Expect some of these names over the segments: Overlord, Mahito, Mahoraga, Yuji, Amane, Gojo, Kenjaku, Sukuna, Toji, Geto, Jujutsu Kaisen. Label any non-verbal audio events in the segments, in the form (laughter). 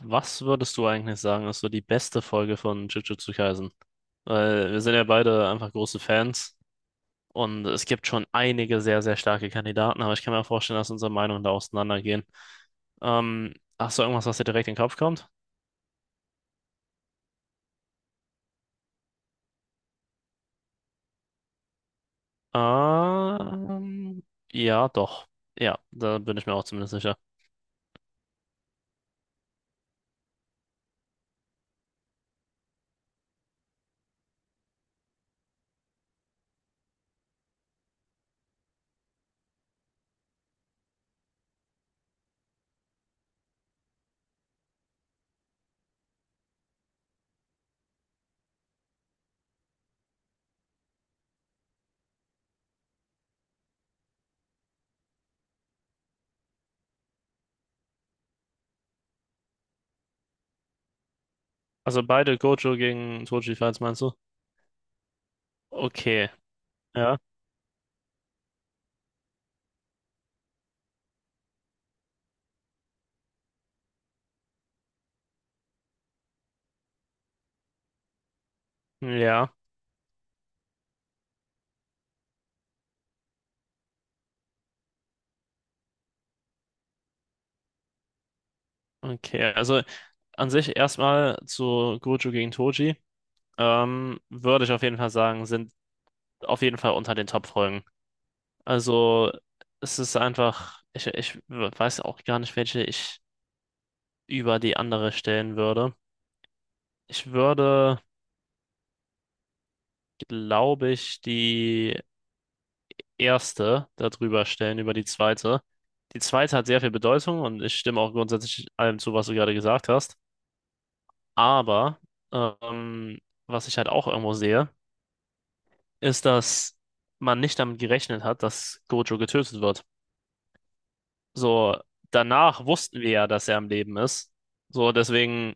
Was würdest du eigentlich sagen, ist so die beste Folge von Jujutsu Kaisen? Weil wir sind ja beide einfach große Fans und es gibt schon einige sehr, sehr starke Kandidaten, aber ich kann mir vorstellen, dass unsere Meinungen da auseinandergehen. Ähm, Hast du irgendwas, was dir direkt in den Kopf kommt? Ähm, ja, doch. Ja, da bin ich mir auch zumindest sicher. Also beide Gojo gegen Toji, falls meinst du? Okay, ja, ja, okay. Also an sich erstmal zu Gojo gegen Toji. Würde ich auf jeden Fall sagen, sind auf jeden Fall unter den Top-Folgen. Also es ist einfach, ich weiß auch gar nicht, welche ich über die andere stellen würde. Ich würde, glaube ich, die erste darüber stellen, über die zweite. Die zweite hat sehr viel Bedeutung und ich stimme auch grundsätzlich allem zu, was du gerade gesagt hast. Aber ähm, was ich halt auch irgendwo sehe, ist, dass man nicht damit gerechnet hat, dass Gojo getötet wird. So, danach wussten wir ja, dass er am Leben ist. So, deswegen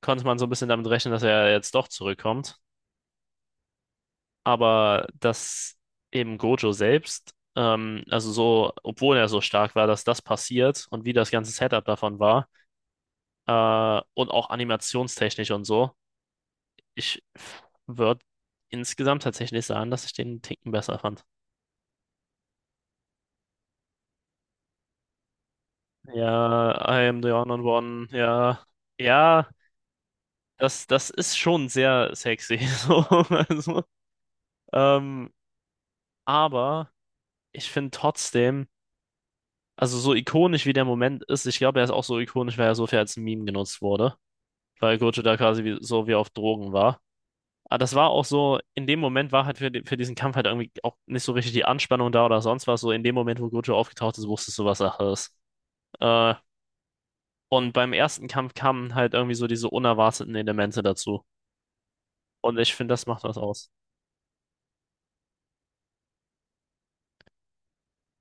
konnte man so ein bisschen damit rechnen, dass er jetzt doch zurückkommt. Aber dass eben Gojo selbst, also so, obwohl er so stark war, dass das passiert und wie das ganze Setup davon war, und auch animationstechnisch und so, ich würde insgesamt tatsächlich sagen, dass ich den einen Ticken besser fand. Ja, I am the Honored One, ja. Ja, das, das ist schon sehr sexy. (laughs) So, also. Ähm, aber ich finde trotzdem, also so ikonisch wie der Moment ist, ich glaube, er ist auch so ikonisch, weil er so viel als Meme genutzt wurde, weil Gojo da quasi wie, so wie auf Drogen war. Aber das war auch so, in dem Moment war halt für, für diesen Kampf halt irgendwie auch nicht so richtig die Anspannung da oder sonst was. So in dem Moment, wo Gojo aufgetaucht ist, wusstest du, was Sache ist. Äh, und beim ersten Kampf kamen halt irgendwie so diese unerwarteten Elemente dazu. Und ich finde, das macht was aus.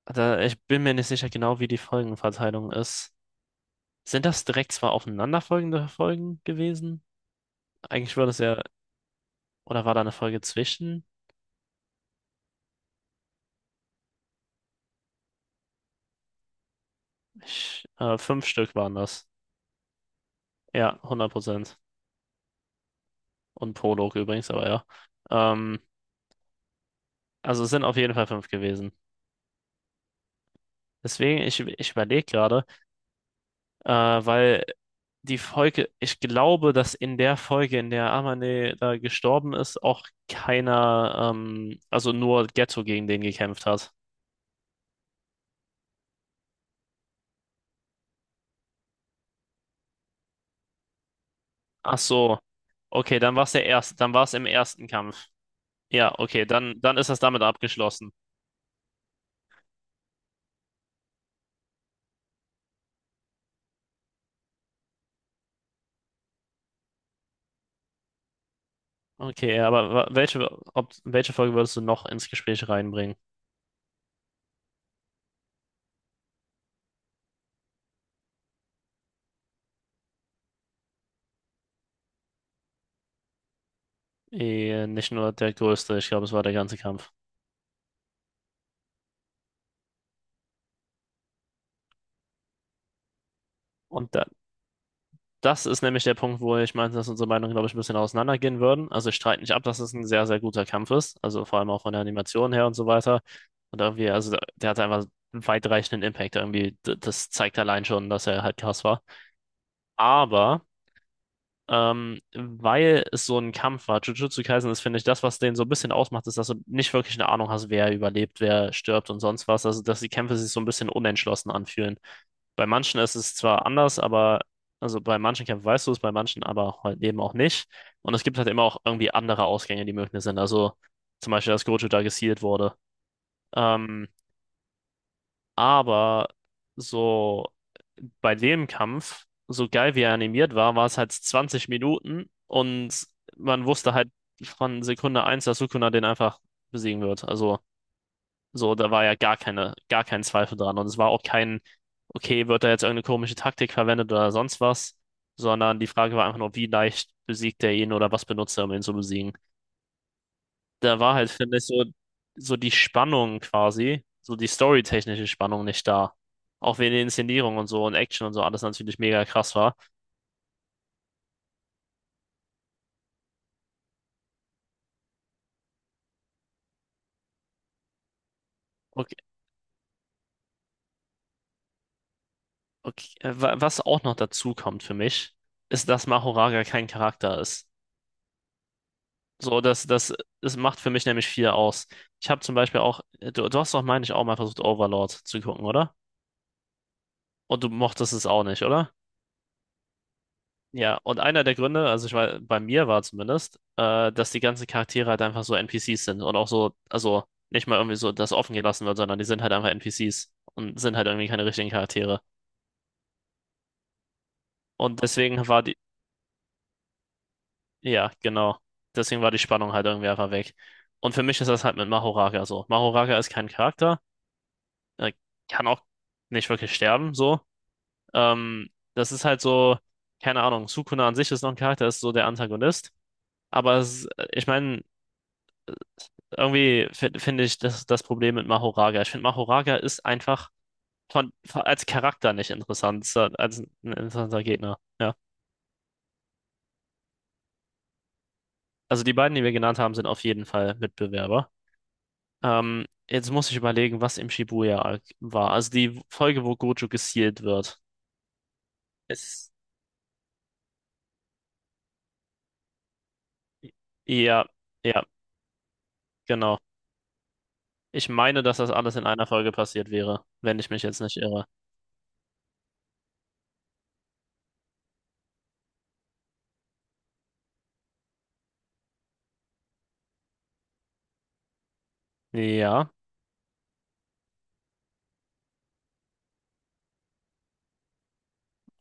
Da, ich bin mir nicht sicher genau, wie die Folgenverteilung ist. Sind das direkt zwar aufeinanderfolgende Folgen gewesen? Eigentlich würde es ja, oder war da eine Folge zwischen? Ich, fünf Stück waren das. Ja, 100%. Und Prolog übrigens, aber ja. Ähm, also es sind auf jeden Fall fünf gewesen. Deswegen, ich überlege gerade, weil die Folge, ich glaube, dass in der Folge, in der Amane da gestorben ist, auch keiner, also nur Geto gegen den gekämpft hat. Ach so, okay, dann war es der erste, dann war es im ersten Kampf. Ja, okay, dann ist das damit abgeschlossen. Okay, aber ob, welche Folge würdest du noch ins Gespräch reinbringen? Eh, nicht nur der größte, ich glaube, es war der ganze Kampf. Und da, das ist nämlich der Punkt, wo ich meinte, dass unsere Meinungen, glaube ich, ein bisschen auseinandergehen würden. Also ich streite nicht ab, dass es ein sehr, sehr guter Kampf ist. Also vor allem auch von der Animation her und so weiter. Und irgendwie, also der, der hat einfach einen weitreichenden Impact irgendwie. Das zeigt allein schon, dass er halt krass war. Aber. Weil es so ein Kampf war. Jujutsu Kaisen ist, finde ich, das, was den so ein bisschen ausmacht, ist, dass du nicht wirklich eine Ahnung hast, wer überlebt, wer stirbt und sonst was. Also, dass die Kämpfe sich so ein bisschen unentschlossen anfühlen. Bei manchen ist es zwar anders, aber, also bei manchen Kämpfen weißt du es, bei manchen aber halt eben auch nicht. Und es gibt halt immer auch irgendwie andere Ausgänge, die möglich sind. Also, zum Beispiel, dass Gojo da gesealt wurde. Ähm, aber so bei dem Kampf, so geil wie er animiert war, war es halt 20 Minuten und man wusste halt von Sekunde eins, dass Sukuna den einfach besiegen wird. Also, so, da war ja gar keine, gar kein Zweifel dran. Und es war auch kein, okay, wird da jetzt irgendeine komische Taktik verwendet oder sonst was, sondern die Frage war einfach nur, wie leicht besiegt er ihn oder was benutzt er, um ihn zu besiegen. Da war halt, finde ich, so, so die Spannung quasi, so die storytechnische Spannung nicht da. Auch wenn die Inszenierung und so und Action und so alles natürlich mega krass war. Okay, okay. Was auch noch dazu kommt für mich, ist, dass Mahoraga kein Charakter ist. So, das macht für mich nämlich viel aus. Ich habe zum Beispiel auch, du hast doch, meine ich, auch mal versucht, Overlord zu gucken, oder? Und du mochtest es auch nicht, oder? Ja, und einer der Gründe, also ich war, bei mir war zumindest, dass die ganzen Charaktere halt einfach so NPCs sind und auch so, also nicht mal irgendwie so, dass offen gelassen wird, sondern die sind halt einfach NPCs und sind halt irgendwie keine richtigen Charaktere. Und deswegen war. Ja, genau. Deswegen war die Spannung halt irgendwie einfach weg. Und für mich ist das halt mit Mahoraga so. Mahoraga ist kein Charakter. Er kann auch nicht wirklich sterben, so. Das ist halt so, keine Ahnung, Sukuna an sich ist noch ein Charakter, ist so der Antagonist. Aber es, ich meine, irgendwie finde ich das, das Problem mit Mahoraga. Ich finde, Mahoraga ist einfach als Charakter nicht interessant, so als ein interessanter Gegner. Ja. Also die beiden, die wir genannt haben, sind auf jeden Fall Mitbewerber. Jetzt muss ich überlegen, was im Shibuya-Arc war. Also die Folge, wo Gojo gestealt wird. Ist, ja, ja, genau. Ich meine, dass das alles in einer Folge passiert wäre, wenn ich mich jetzt nicht irre. Ja,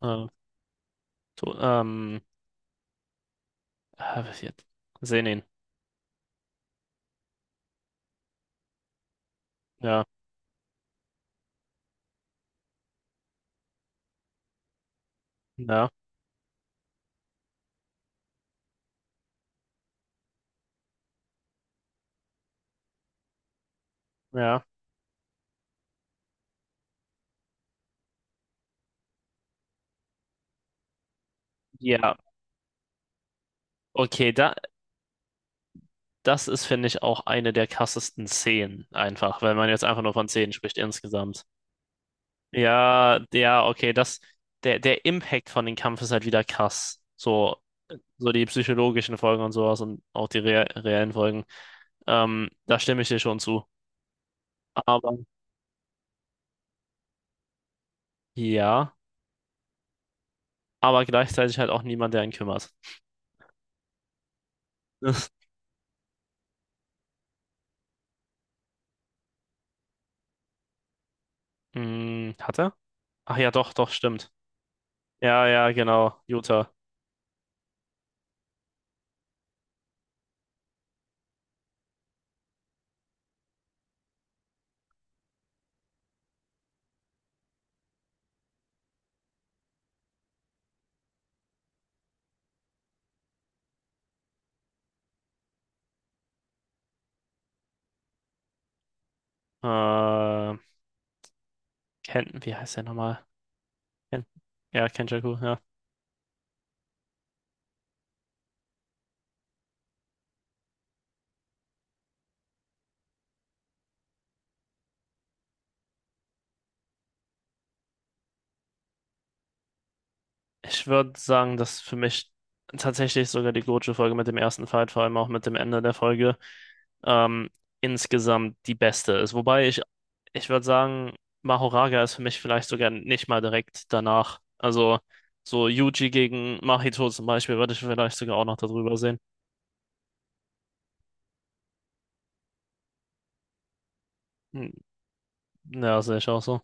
äh, to, ähm, was jetzt? Senin. Ja, ja, ja. Ja, okay, da, das ist, finde ich, auch eine der krassesten Szenen einfach, wenn man jetzt einfach nur von Szenen spricht insgesamt. Ja, ja, okay, das, der, der Impact von dem Kampf ist halt wieder krass. So, so die psychologischen Folgen und sowas und auch die reellen Folgen. Da stimme ich dir schon zu. Aber, ja, aber gleichzeitig halt auch niemand, der ihn kümmert. (laughs) Das. Hm, hat er? Ach ja, doch, doch, stimmt. Ja, ja, genau, Utah. Äh, wie heißt der nochmal? Ken, ja, Kenjaku, ja. Ich würde sagen, dass für mich tatsächlich sogar die Gojo-Folge mit dem ersten Fight, vor allem auch mit dem Ende der Folge, ähm, insgesamt die beste ist. Wobei ich, ich würde sagen, Mahoraga ist für mich vielleicht sogar nicht mal direkt danach. Also so Yuji gegen Mahito zum Beispiel würde ich vielleicht sogar auch noch darüber sehen. Hm. Ja, sehe ich auch so.